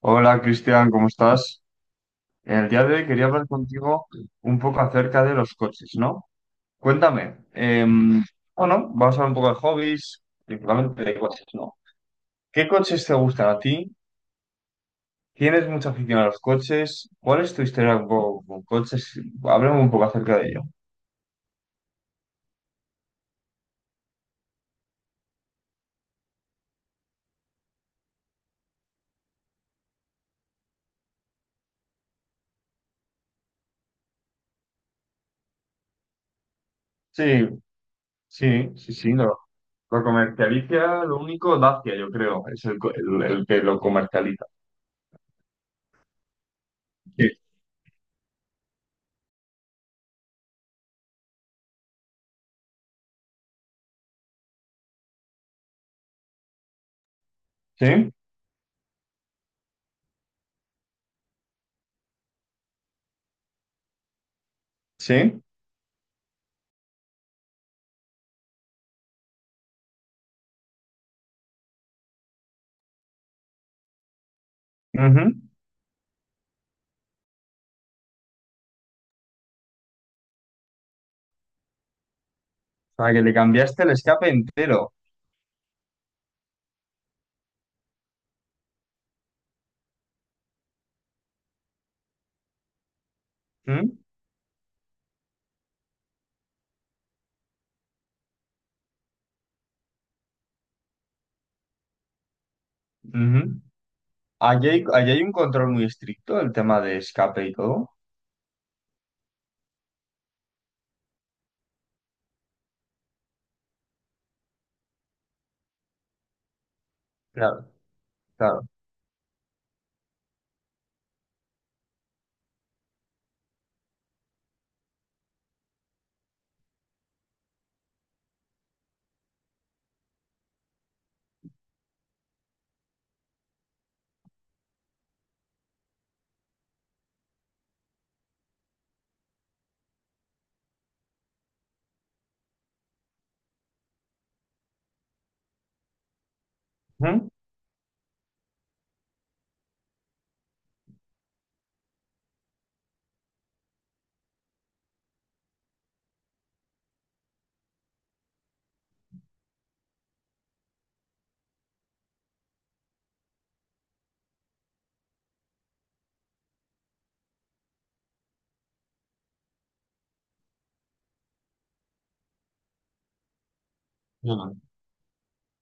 Hola Cristian, ¿cómo estás? El día de hoy quería hablar contigo un poco acerca de los coches, ¿no? Cuéntame, bueno, vamos a hablar un poco de hobbies, principalmente de coches, ¿no? ¿Qué coches te gustan a ti? ¿Tienes mucha afición a los coches? ¿Cuál es tu historia un poco con coches? Háblame un poco acerca de ello. Sí, sí, sí, sí, lo comercializa, lo único, Dacia, yo creo, es el que lo comercializa. Sí, sí, sí. Ujú. O sea, que le cambiaste el escape entero. Mm, ujú. Allí hay un control muy estricto del tema de escape y todo. Claro, claro. Ujú,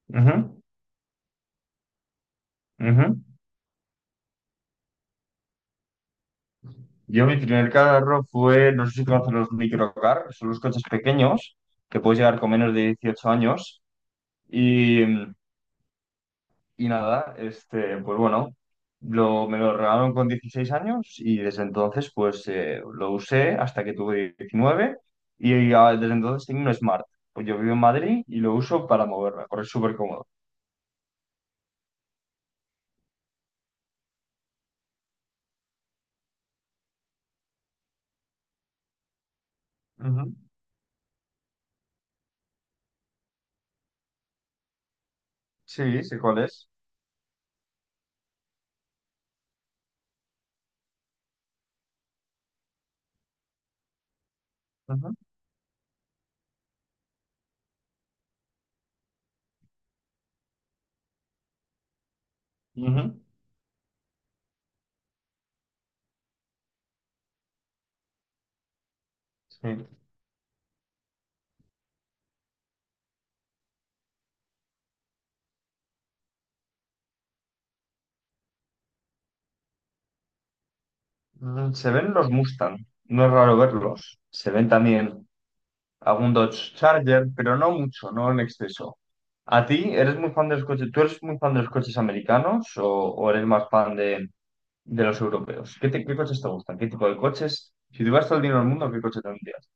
ujú, ujú. Yo mi primer carro fue, no sé si conoces los microcar, son los coches pequeños que puedes llegar con menos de 18 años y mm, Y nada, este, pues bueno, me lo regalaron con 16 años y desde entonces pues lo usé hasta que tuve 19 y desde entonces tengo un Smart. Pues yo vivo en Madrid y lo uso para moverme, porque es súper cómodo. Ujú. Sí, sé cuál es. Ujú. Ujú. Sí. Se ven los Mustang, no es raro verlos. Se ven también algún Dodge Charger, pero no mucho, no en exceso. ¿A ti eres muy fan de los coches? ¿Tú eres muy fan de los coches americanos o eres más fan de los europeos? ¿Qué coches te gustan? ¿Qué tipo de coches? Si tuvieras todo el dinero del mundo, ¿qué coche tendrías?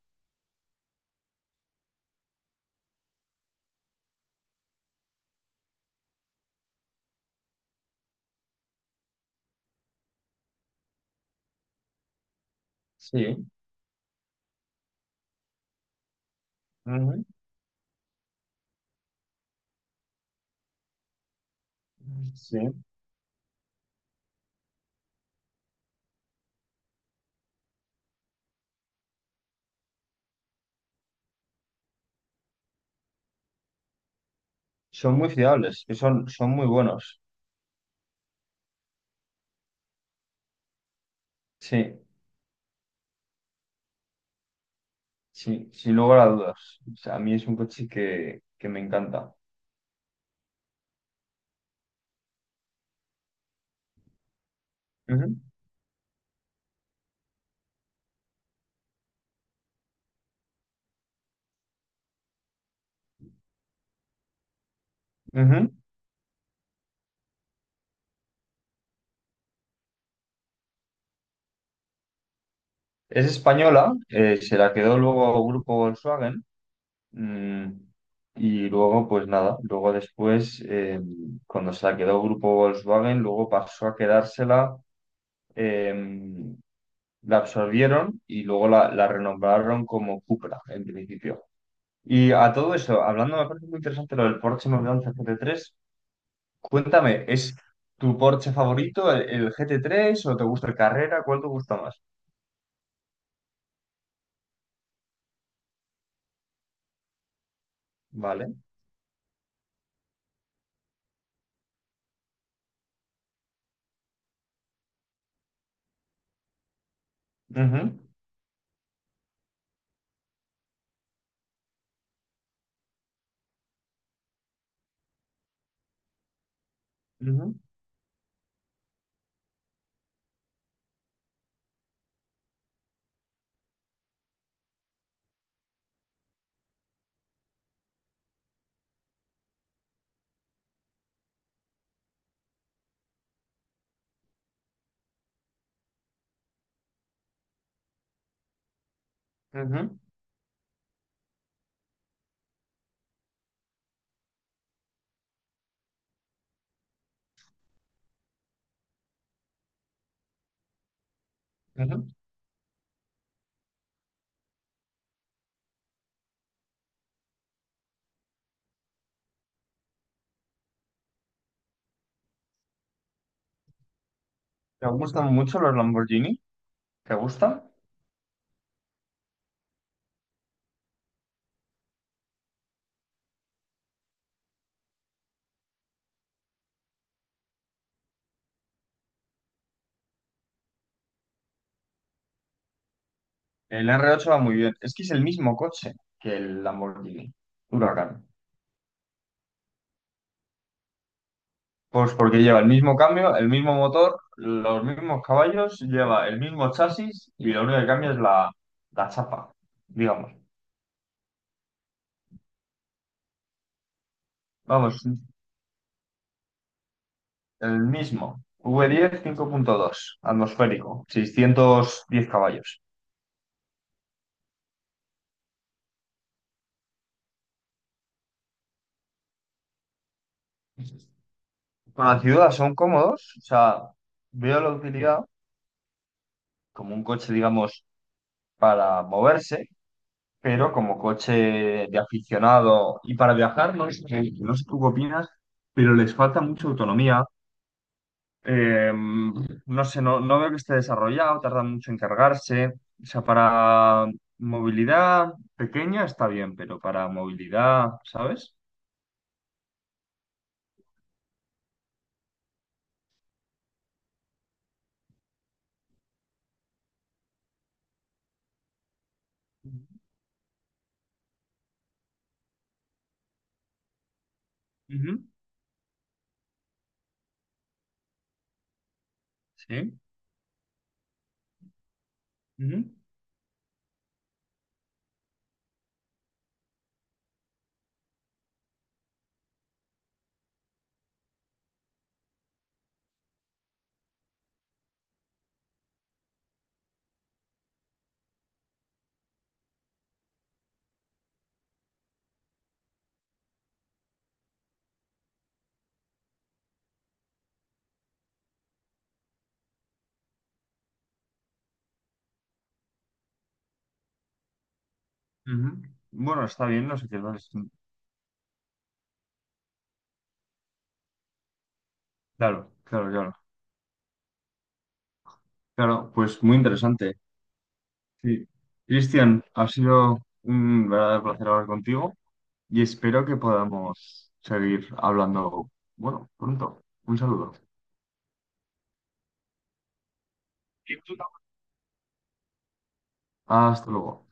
Sí, ujú, sí. Son muy fiables, que son, muy buenos. Sí, sí, sin lugar a dudas. O sea, a mí es un coche que me encanta. Ujú, ujú. Es española, se la quedó luego el grupo Volkswagen. Mm, y luego, pues nada, luego después, cuando se la quedó Grupo Volkswagen, luego pasó a quedársela, eh, la absorbieron y luego la renombraron como Cupra, en principio. Y a todo eso, hablando, me parece muy interesante lo del Porsche 911 GT3. Cuéntame, ¿es tu Porsche favorito el GT3 o te gusta el Carrera? ¿Cuál te gusta más? Vale. Ujú, ujú, ujú, ujú. ¿Te gustan mucho los Lamborghini? ¿Te gustan? El R8 va muy bien. Es que es el mismo coche que el Lamborghini Huracán. Pues porque lleva el mismo cambio, el mismo motor, los mismos caballos, lleva el mismo chasis y lo único que cambia es la chapa, digamos. Vamos, el mismo. V10 5.2 atmosférico, 610 caballos. Para la ciudad son cómodos, o sea, veo la utilidad como un coche, digamos, para moverse, pero como coche de aficionado y para viajar, no sé, no sé tú qué opinas, pero les falta mucha autonomía. No sé, no veo que esté desarrollado, tarda mucho en cargarse. O sea, para movilidad pequeña está bien, pero para movilidad, ¿sabes? Ujú, sí. Ujú, ujú. Bueno, está bien, no sé qué más. Claro, claro, claro. Claro, pues muy interesante. Sí. Cristian, ha sido un verdadero placer hablar contigo y espero que podamos seguir hablando, bueno, pronto. Un saludo. Hasta luego.